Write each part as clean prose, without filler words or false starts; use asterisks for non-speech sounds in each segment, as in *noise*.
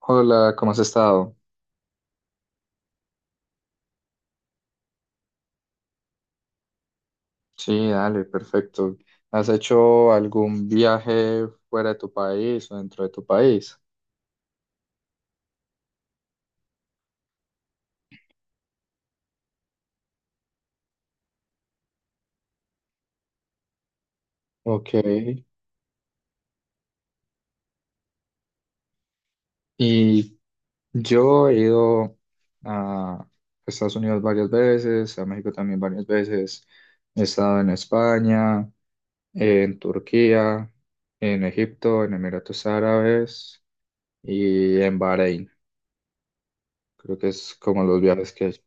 Hola, ¿cómo has estado? Sí, dale, perfecto. ¿Has hecho algún viaje fuera de tu país o dentro de tu país? Ok. Y yo he ido a Estados Unidos varias veces, a México también varias veces. He estado en España, en Turquía, en Egipto, en Emiratos Árabes y en Bahrein. Creo que es como los viajes que he hecho.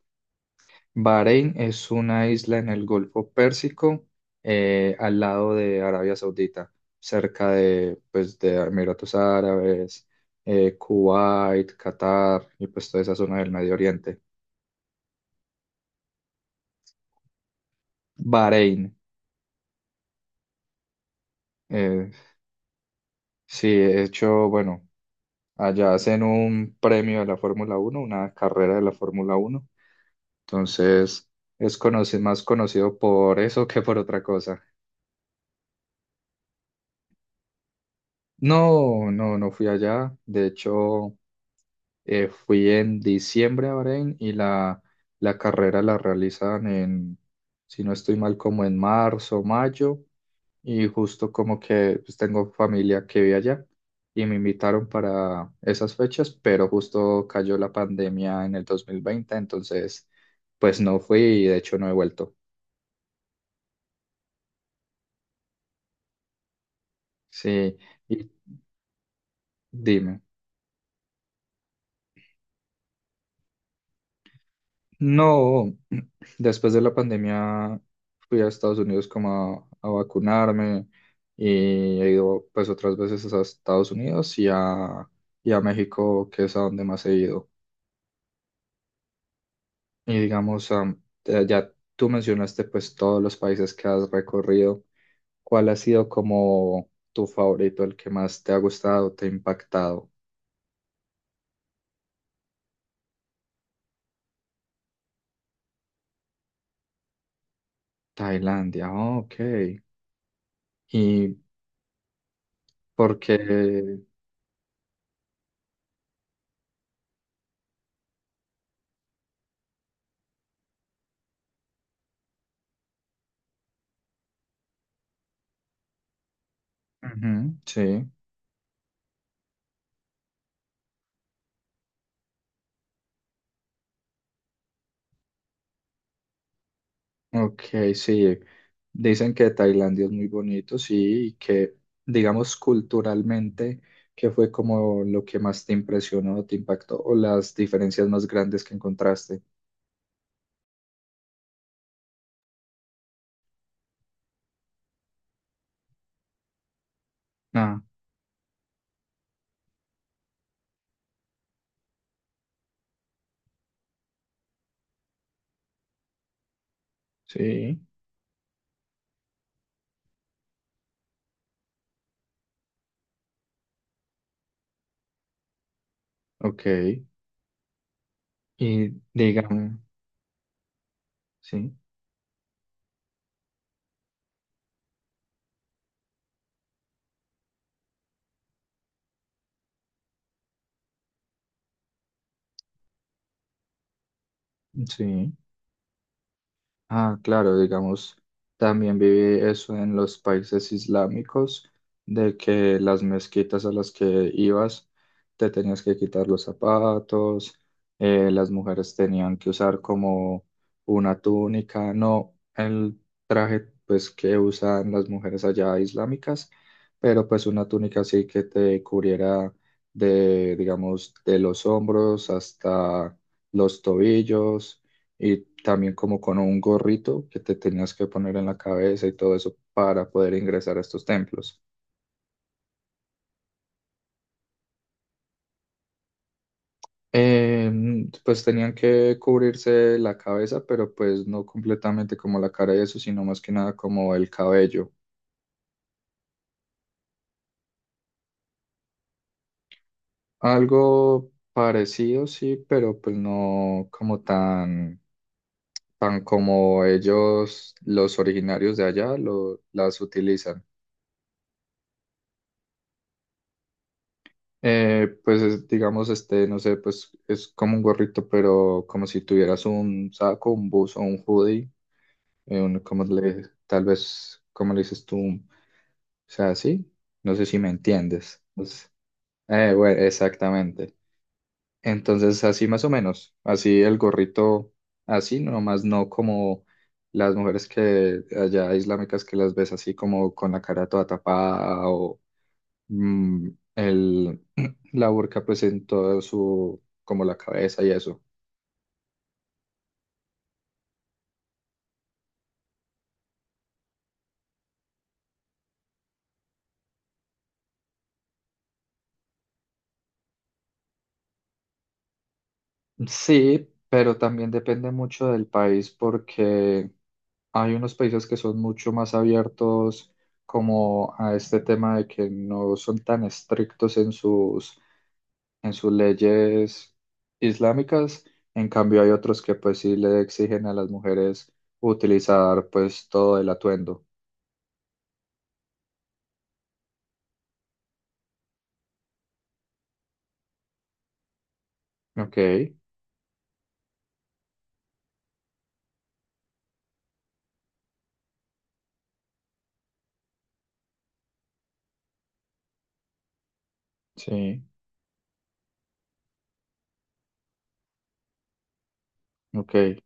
Bahrein es una isla en el Golfo Pérsico, al lado de Arabia Saudita, cerca de, pues, de Emiratos Árabes, Kuwait, Qatar y pues toda esa zona del Medio Oriente. Bahrein, eh, sí, de hecho, bueno, allá hacen un premio de la Fórmula Uno, una carrera de la Fórmula Uno, entonces es más conocido por eso que por otra cosa. No, no, no fui allá. De hecho, fui en diciembre a Bahrein y la carrera la realizan en, si no estoy mal, como en marzo, mayo, y justo como que pues, tengo familia que vive allá y me invitaron para esas fechas, pero justo cayó la pandemia en el 2020, entonces pues no fui y de hecho no he vuelto. Sí, y dime. No. Después de la pandemia fui a Estados Unidos como a vacunarme y he ido pues otras veces a Estados Unidos y a México, que es a donde más he ido. Y digamos, ya tú mencionaste pues todos los países que has recorrido. ¿Cuál ha sido como tu favorito, el que más te ha gustado, te ha impactado? Tailandia, oh, ok. ¿Y por qué? Ujú, sí. Ok, sí. Dicen que Tailandia es muy bonito, sí, y que, digamos, culturalmente, qué fue como lo que más te impresionó, te impactó, o las diferencias más grandes que encontraste. Ah, sí, ok. Y digamos, sí, sí. Ah, claro, digamos, también viví eso en los países islámicos, de que las mezquitas a las que ibas te tenías que quitar los zapatos, las mujeres tenían que usar como una túnica, no el traje pues que usan las mujeres allá islámicas, pero pues una túnica así que te cubriera de, digamos, de los hombros hasta los tobillos y también como con un gorrito que te tenías que poner en la cabeza y todo eso para poder ingresar a estos templos. Pues tenían que cubrirse la cabeza, pero pues no completamente como la cara y eso, sino más que nada como el cabello. Algo parecido, sí, pero pues no como tan, tan como ellos, los originarios de allá, las utilizan. Pues es, digamos, este, no sé, pues es como un gorrito, pero como si tuvieras un saco, un buzo, un hoodie, como le, tal vez, como le dices tú, o sea, sí, no sé si me entiendes. Pues, bueno, exactamente. Entonces, así más o menos, así el gorrito, así, nomás no como las mujeres que allá islámicas que las ves así como con la cara toda tapada mm, el, *clears throat* la burka pues en todo su, como la cabeza y eso. Sí, pero también depende mucho del país porque hay unos países que son mucho más abiertos como a este tema de que no son tan estrictos en sus leyes islámicas. En cambio, hay otros que pues sí le exigen a las mujeres utilizar pues todo el atuendo. Ok, sí, ok,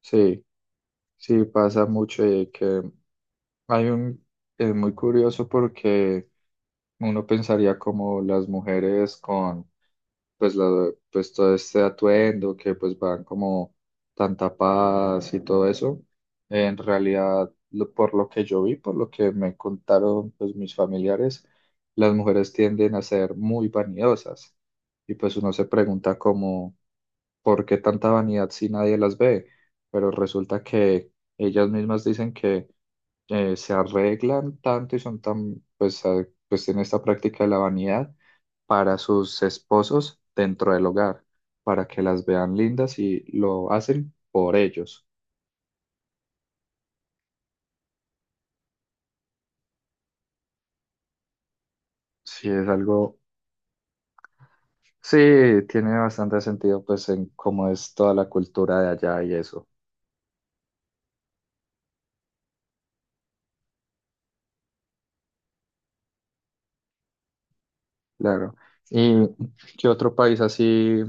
sí. Sí, pasa mucho y que hay un, es muy curioso porque uno pensaría como las mujeres con pues, todo este atuendo que pues van como tan tapadas y todo eso. En realidad, por lo que yo vi, por lo que me contaron pues mis familiares, las mujeres tienden a ser muy vanidosas y pues uno se pregunta como, ¿por qué tanta vanidad si nadie las ve? Pero resulta que ellas mismas dicen que se arreglan tanto y son tan, pues en esta práctica de la vanidad para sus esposos dentro del hogar, para que las vean lindas y lo hacen por ellos. Sí, es algo, sí, tiene bastante sentido, pues, en cómo es toda la cultura de allá y eso, claro. ¿Y qué otro país así?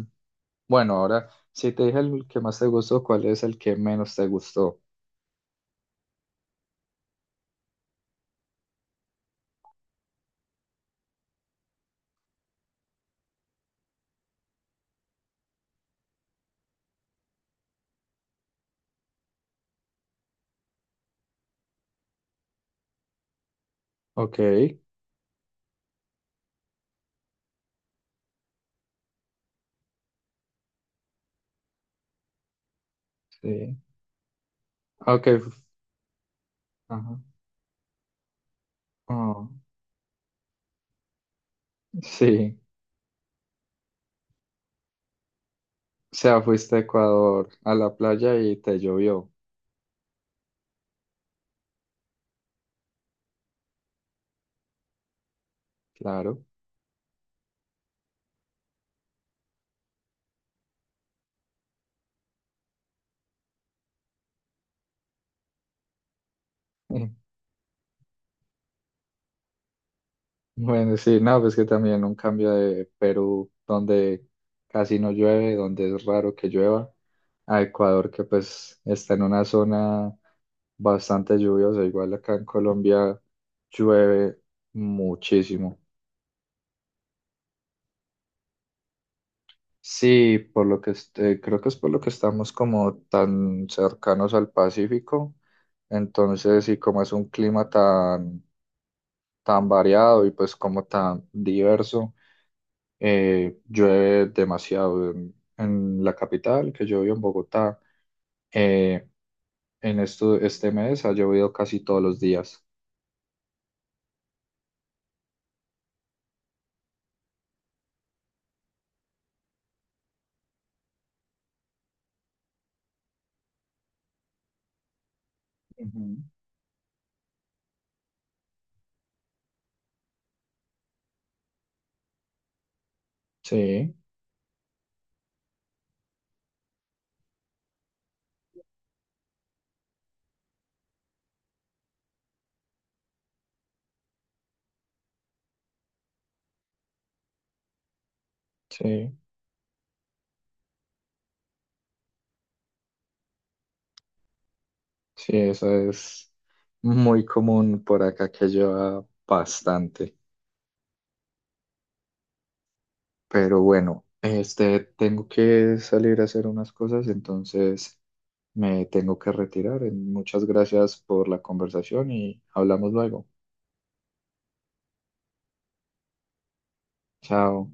Bueno, ahora, si te dije el que más te gustó, ¿cuál es el que menos te gustó? Ok, sí. Ok, ajá. Oh. Sí, o sea, fuiste a Ecuador a la playa y te llovió, claro. *laughs* Mm. Bueno, sí, no, pues que también un cambio de Perú, donde casi no llueve, donde es raro que llueva, a Ecuador, que pues está en una zona bastante lluviosa, igual acá en Colombia llueve muchísimo. Sí, por lo que creo que es por lo que estamos como tan cercanos al Pacífico, entonces, y como es un clima tan tan variado y pues como tan diverso. Llueve demasiado en la capital, que yo vivo en Bogotá. Eh, en este mes ha llovido casi todos los días. Ujú. Sí, sí, sí, eso es muy común por acá que lleva bastante. Pero bueno, tengo que salir a hacer unas cosas, entonces me tengo que retirar. Muchas gracias por la conversación y hablamos luego. Chao.